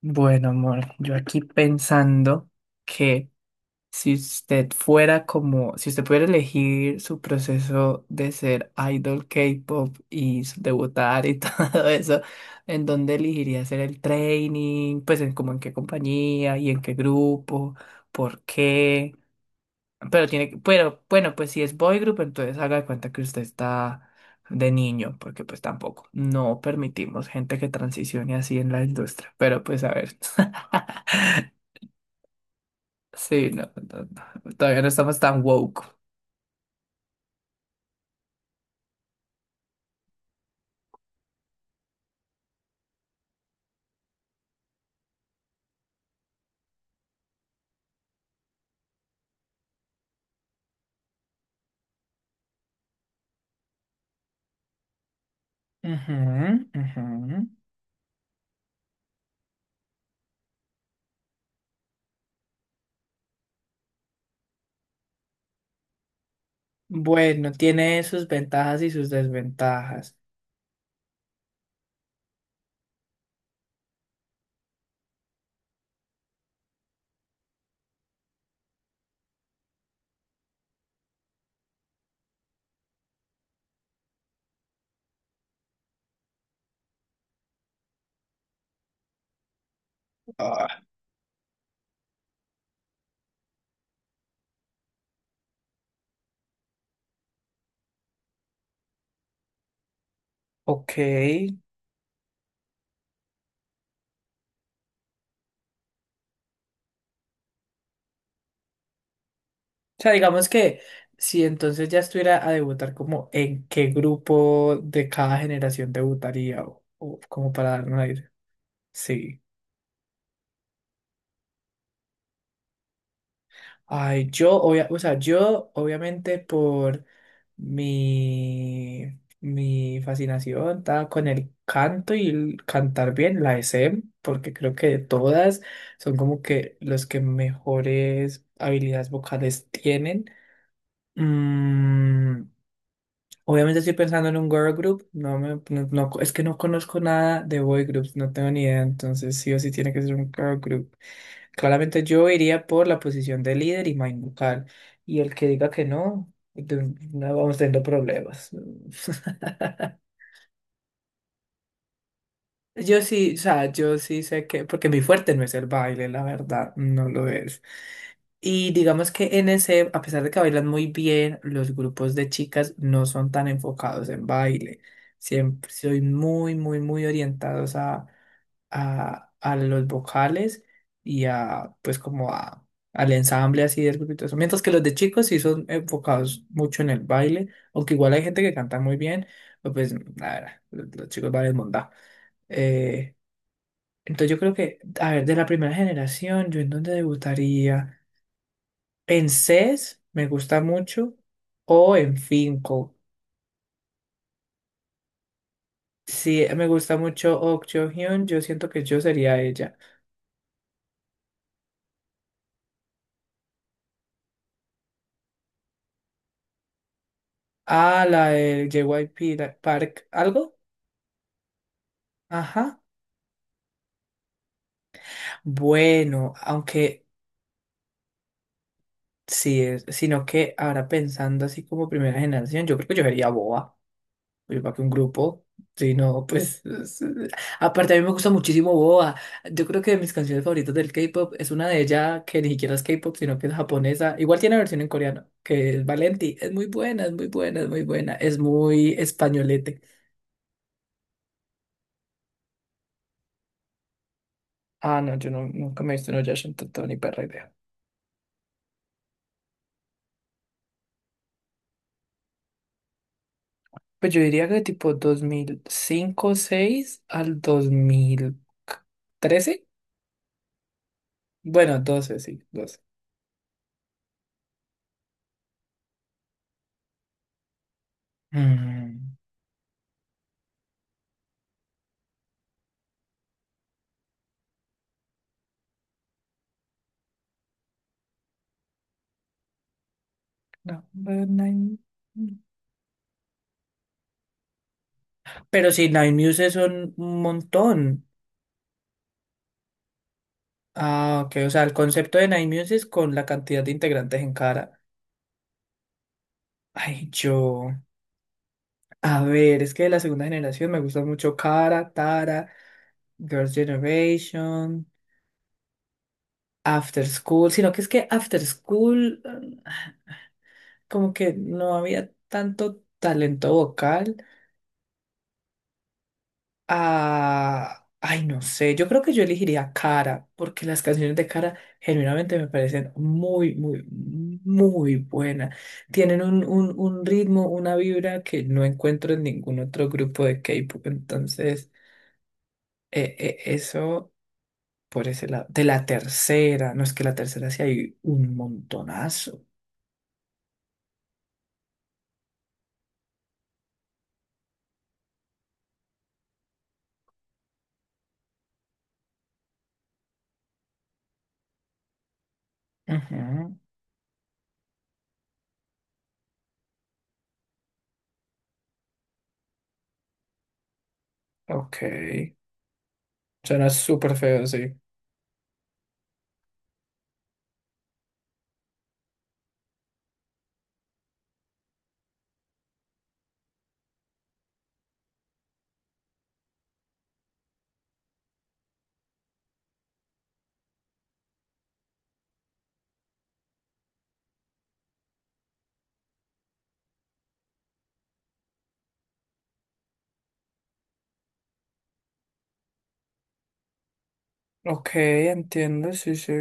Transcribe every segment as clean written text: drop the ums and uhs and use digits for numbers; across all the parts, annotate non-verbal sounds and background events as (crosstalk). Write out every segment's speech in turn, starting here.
Bueno, amor, yo aquí pensando que si usted fuera como, si usted pudiera elegir su proceso de ser idol K-pop y debutar y (laughs) todo eso, ¿en dónde elegiría hacer el training? Pues en como en qué compañía y en qué grupo, ¿por qué? Pero tiene que, pero bueno, pues si es boy group, entonces haga de cuenta que usted está de niño, porque pues tampoco, no permitimos gente que transicione así en la industria. Pero pues a ver. (laughs) Sí, no, no, no, todavía no estamos tan woke. Ujú, ujú. Bueno, tiene sus ventajas y sus desventajas. Ah, ok. O sea, digamos que si entonces ya estuviera a debutar, como en qué grupo de cada generación debutaría o como para dar una idea. Sí. Ay, yo, o sea, yo obviamente por mi fascinación estaba con el canto y el cantar bien, la SM, porque creo que de todas son como que los que mejores habilidades vocales tienen. Mm. Obviamente estoy pensando en un girl group, no me, no, no- es que no conozco nada de boy groups, no tengo ni idea, entonces sí o sí tiene que ser un girl group. Claramente yo iría por la posición de líder y main vocal, y el que diga que no, no vamos teniendo problemas. (laughs) Yo sí, o sea, yo sí sé que, porque mi fuerte no es el baile, la verdad, no lo es. Y digamos que en ese, a pesar de que bailan muy bien, los grupos de chicas no son tan enfocados en baile. Siempre soy muy, muy, muy orientados a los vocales y a, pues como a, al ensamble así del grupo y todo eso. Mientras que los de chicos sí son enfocados mucho en el baile, aunque igual hay gente que canta muy bien, pero pues, nada, los chicos bailan mondá. Eh, entonces yo creo que, a ver, de la primera generación, yo en dónde debutaría. En CES me gusta mucho o en Finco. Sí me gusta mucho Ok Hyun, yo siento que yo sería ella. Ah, la del JYP Park, ¿algo? Ajá. Bueno, aunque sí es, sino que ahora pensando así como primera generación, yo creo que yo sería Boa. Oye, para que un grupo. Sí, no, pues. Aparte, a mí me gusta muchísimo Boa. Yo creo que de mis canciones favoritas del K-pop es una de ella que ni siquiera es K-pop, sino que es japonesa. Igual tiene versión en coreano, que es Valenti. Es muy buena, es muy buena, es muy buena. Es muy españolete. Ah, no, yo no, nunca me he visto en Oyasha, entonces ni perra idea. Pues yo diría que tipo 2005 seis al 2013. Bueno, doce sí, doce. Mm. No, no, no. Pero si Nine Muse son un montón. Ah, ok. O sea, el concepto de Nine Muse es con la cantidad de integrantes en Cara. Ay, yo. A ver, es que de la segunda generación me gusta mucho Cara, Tara, Girls' Generation, After School. Sino que es que After School, como que no había tanto talento vocal. Ah, ay, no sé, yo creo que yo elegiría Cara, porque las canciones de Cara genuinamente me parecen muy, muy, muy buenas. Tienen un ritmo, una vibra que no encuentro en ningún otro grupo de K-pop. Entonces, eso por ese lado. De la tercera, no es que la tercera sí hay un montonazo. Ujú. Ok, suena súper feo, sí. Ok, entiendo, sí, sí.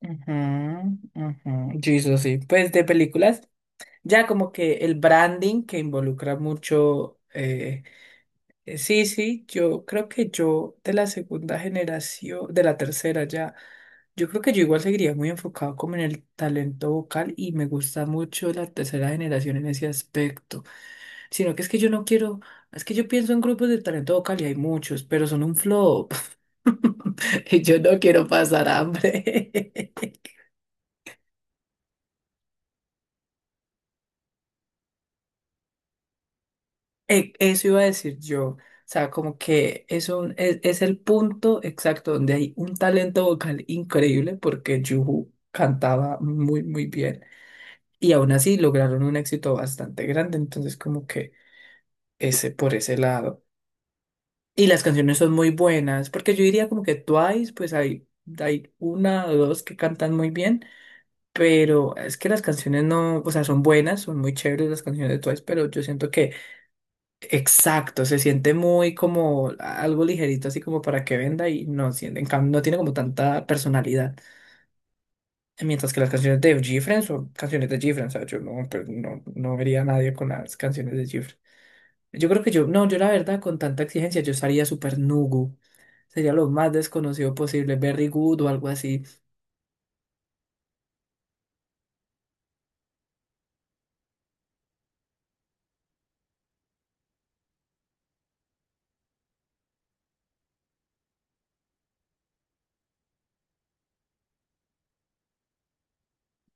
Ajá, ajá. Yo hizo sí. Pues de películas, ya como que el branding que involucra mucho. Sí, sí, yo creo que yo de la segunda generación, de la tercera ya, yo creo que yo igual seguiría muy enfocado como en el talento vocal y me gusta mucho la tercera generación en ese aspecto. Sino que es que yo no quiero, es que yo pienso en grupos de talento vocal y hay muchos, pero son un flop. (laughs) Y yo no quiero pasar hambre. (laughs) Eso iba a decir yo. O sea, como que eso es el punto exacto donde hay un talento vocal increíble porque Juhu cantaba muy, muy bien. Y aún así lograron un éxito bastante grande. Entonces, como que ese por ese lado. Y las canciones son muy buenas porque yo diría como que Twice, pues hay una o dos que cantan muy bien. Pero es que las canciones no, o sea, son buenas, son muy chéveres las canciones de Twice, pero yo siento que... Exacto, se siente muy como algo ligerito, así como para que venda y no, en cambio, no tiene como tanta personalidad. Mientras que las canciones de Gifren son canciones de Gifren, o sea, yo no, pues, no, no vería a nadie con las canciones de Gifren. Yo creo que yo, no, yo la verdad, con tanta exigencia, yo estaría súper Nugu. Sería lo más desconocido posible, Berry Good o algo así,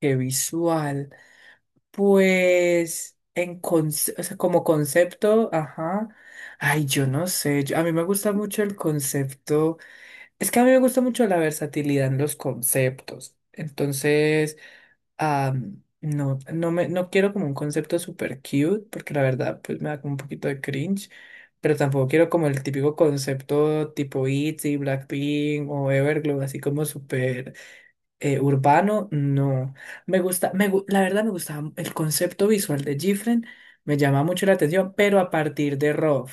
que visual. Pues, o sea, como concepto, ajá. Ay, yo no sé. A mí me gusta mucho el concepto. Es que a mí me gusta mucho la versatilidad en los conceptos. Entonces, no, no quiero como un concepto super cute, porque la verdad, pues me da como un poquito de cringe. Pero tampoco quiero como el típico concepto tipo ITZY, Blackpink o Everglow, así como súper urbano, no. Me gusta, la verdad me gustaba el concepto visual de Gifren, me llama mucho la atención, pero a partir de Rov,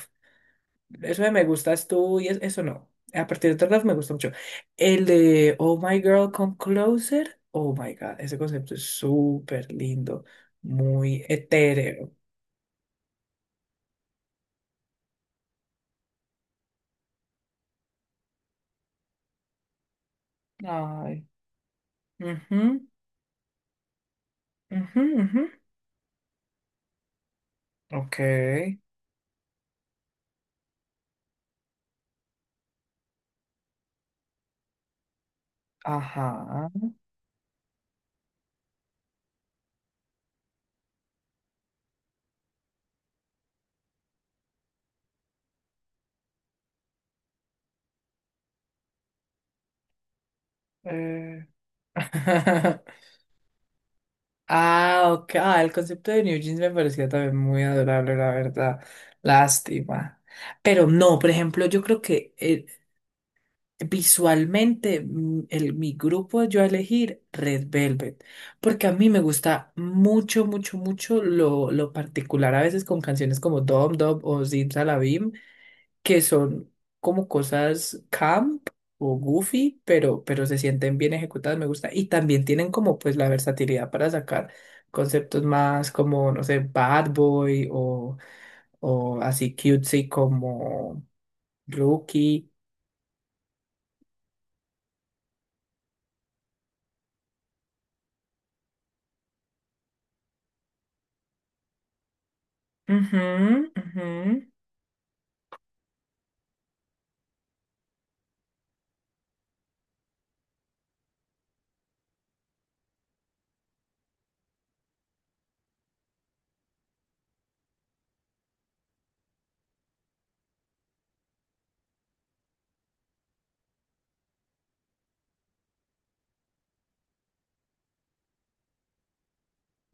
eso de me gustas tú y eso no. A partir de Rov me gusta mucho. El de Oh My Girl Come Closer, oh my God, ese concepto es súper lindo, muy etéreo. Ay. Ujú, ujú, ujú. Ok, ajá. eh. (laughs) Ah, ok. Ah, el concepto de New Jeans me parecía también muy adorable, la verdad. Lástima. Pero no, por ejemplo, yo creo que visualmente el, mi grupo yo a elegir Red Velvet, porque a mí me gusta mucho, mucho, mucho lo particular a veces con canciones como Dom Dom o Zim Salabim, que son como cosas camp o goofy, pero se sienten bien ejecutadas, me gusta. Y también tienen como pues la versatilidad para sacar conceptos más como, no sé, Bad Boy o así cutesy como Rookie. Ujú, ujú.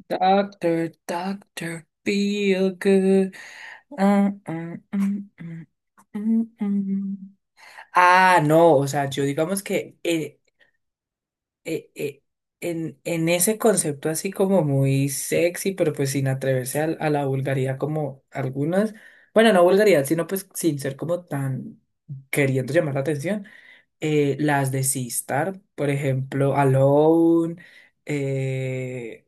Doctor, doctor, feel good. Mm, mm, mm, mm, mm, mm. Ah, no, o sea, yo digamos que eh, eh, en ese concepto así como muy sexy, pero pues sin atreverse a, la vulgaridad como algunas, bueno, no vulgaridad, sino pues sin ser como tan queriendo llamar la atención, las de Sistar, por ejemplo, Alone, eh,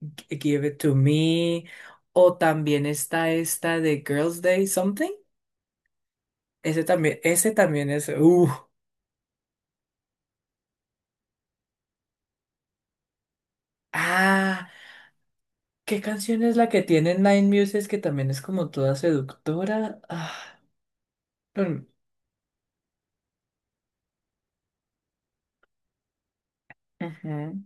Give It To Me, o también está esta de Girls Day Something, ese también es, ah. ¿Qué canción es la que tiene Nine Muses que también es como toda seductora? Ah, mm, ujú.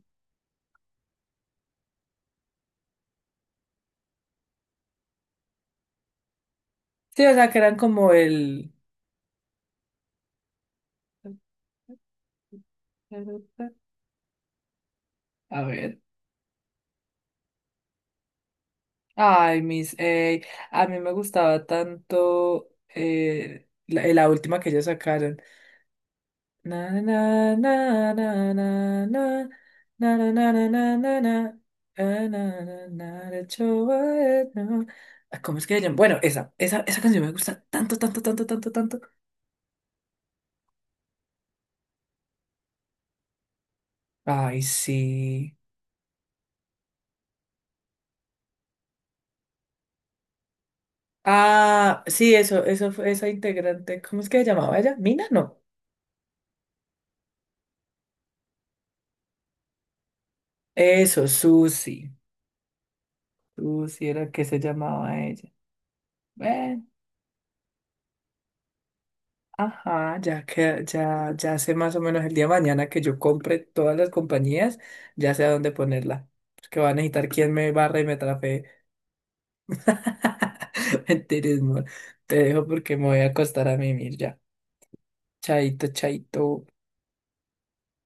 Sí, o sea, que eran como el... A ver. Ay, a mí me gustaba tanto la última que ellos sacaron. Na, na, na, na, na, na, na, na, na, na, na, na, na, na, na, na, na, de Chihuahua, no. Ah, ¿cómo es que se llama? Bueno, esa canción me gusta tanto, tanto, tanto, tanto, tanto. Ay, sí. Ah, sí, eso fue esa integrante. ¿Cómo es que se llamaba ella? Mina, no. Eso, Susi. Susi era que se llamaba ella. Bueno, ajá, ya que ya, ya sé más o menos el día de mañana que yo compre todas las compañías, ya sé a dónde ponerla. Porque va a necesitar quien me barra y me trafe. (laughs) Mentiras, amor. Te dejo porque me voy a acostar a mimir ya. Chaito, chaito.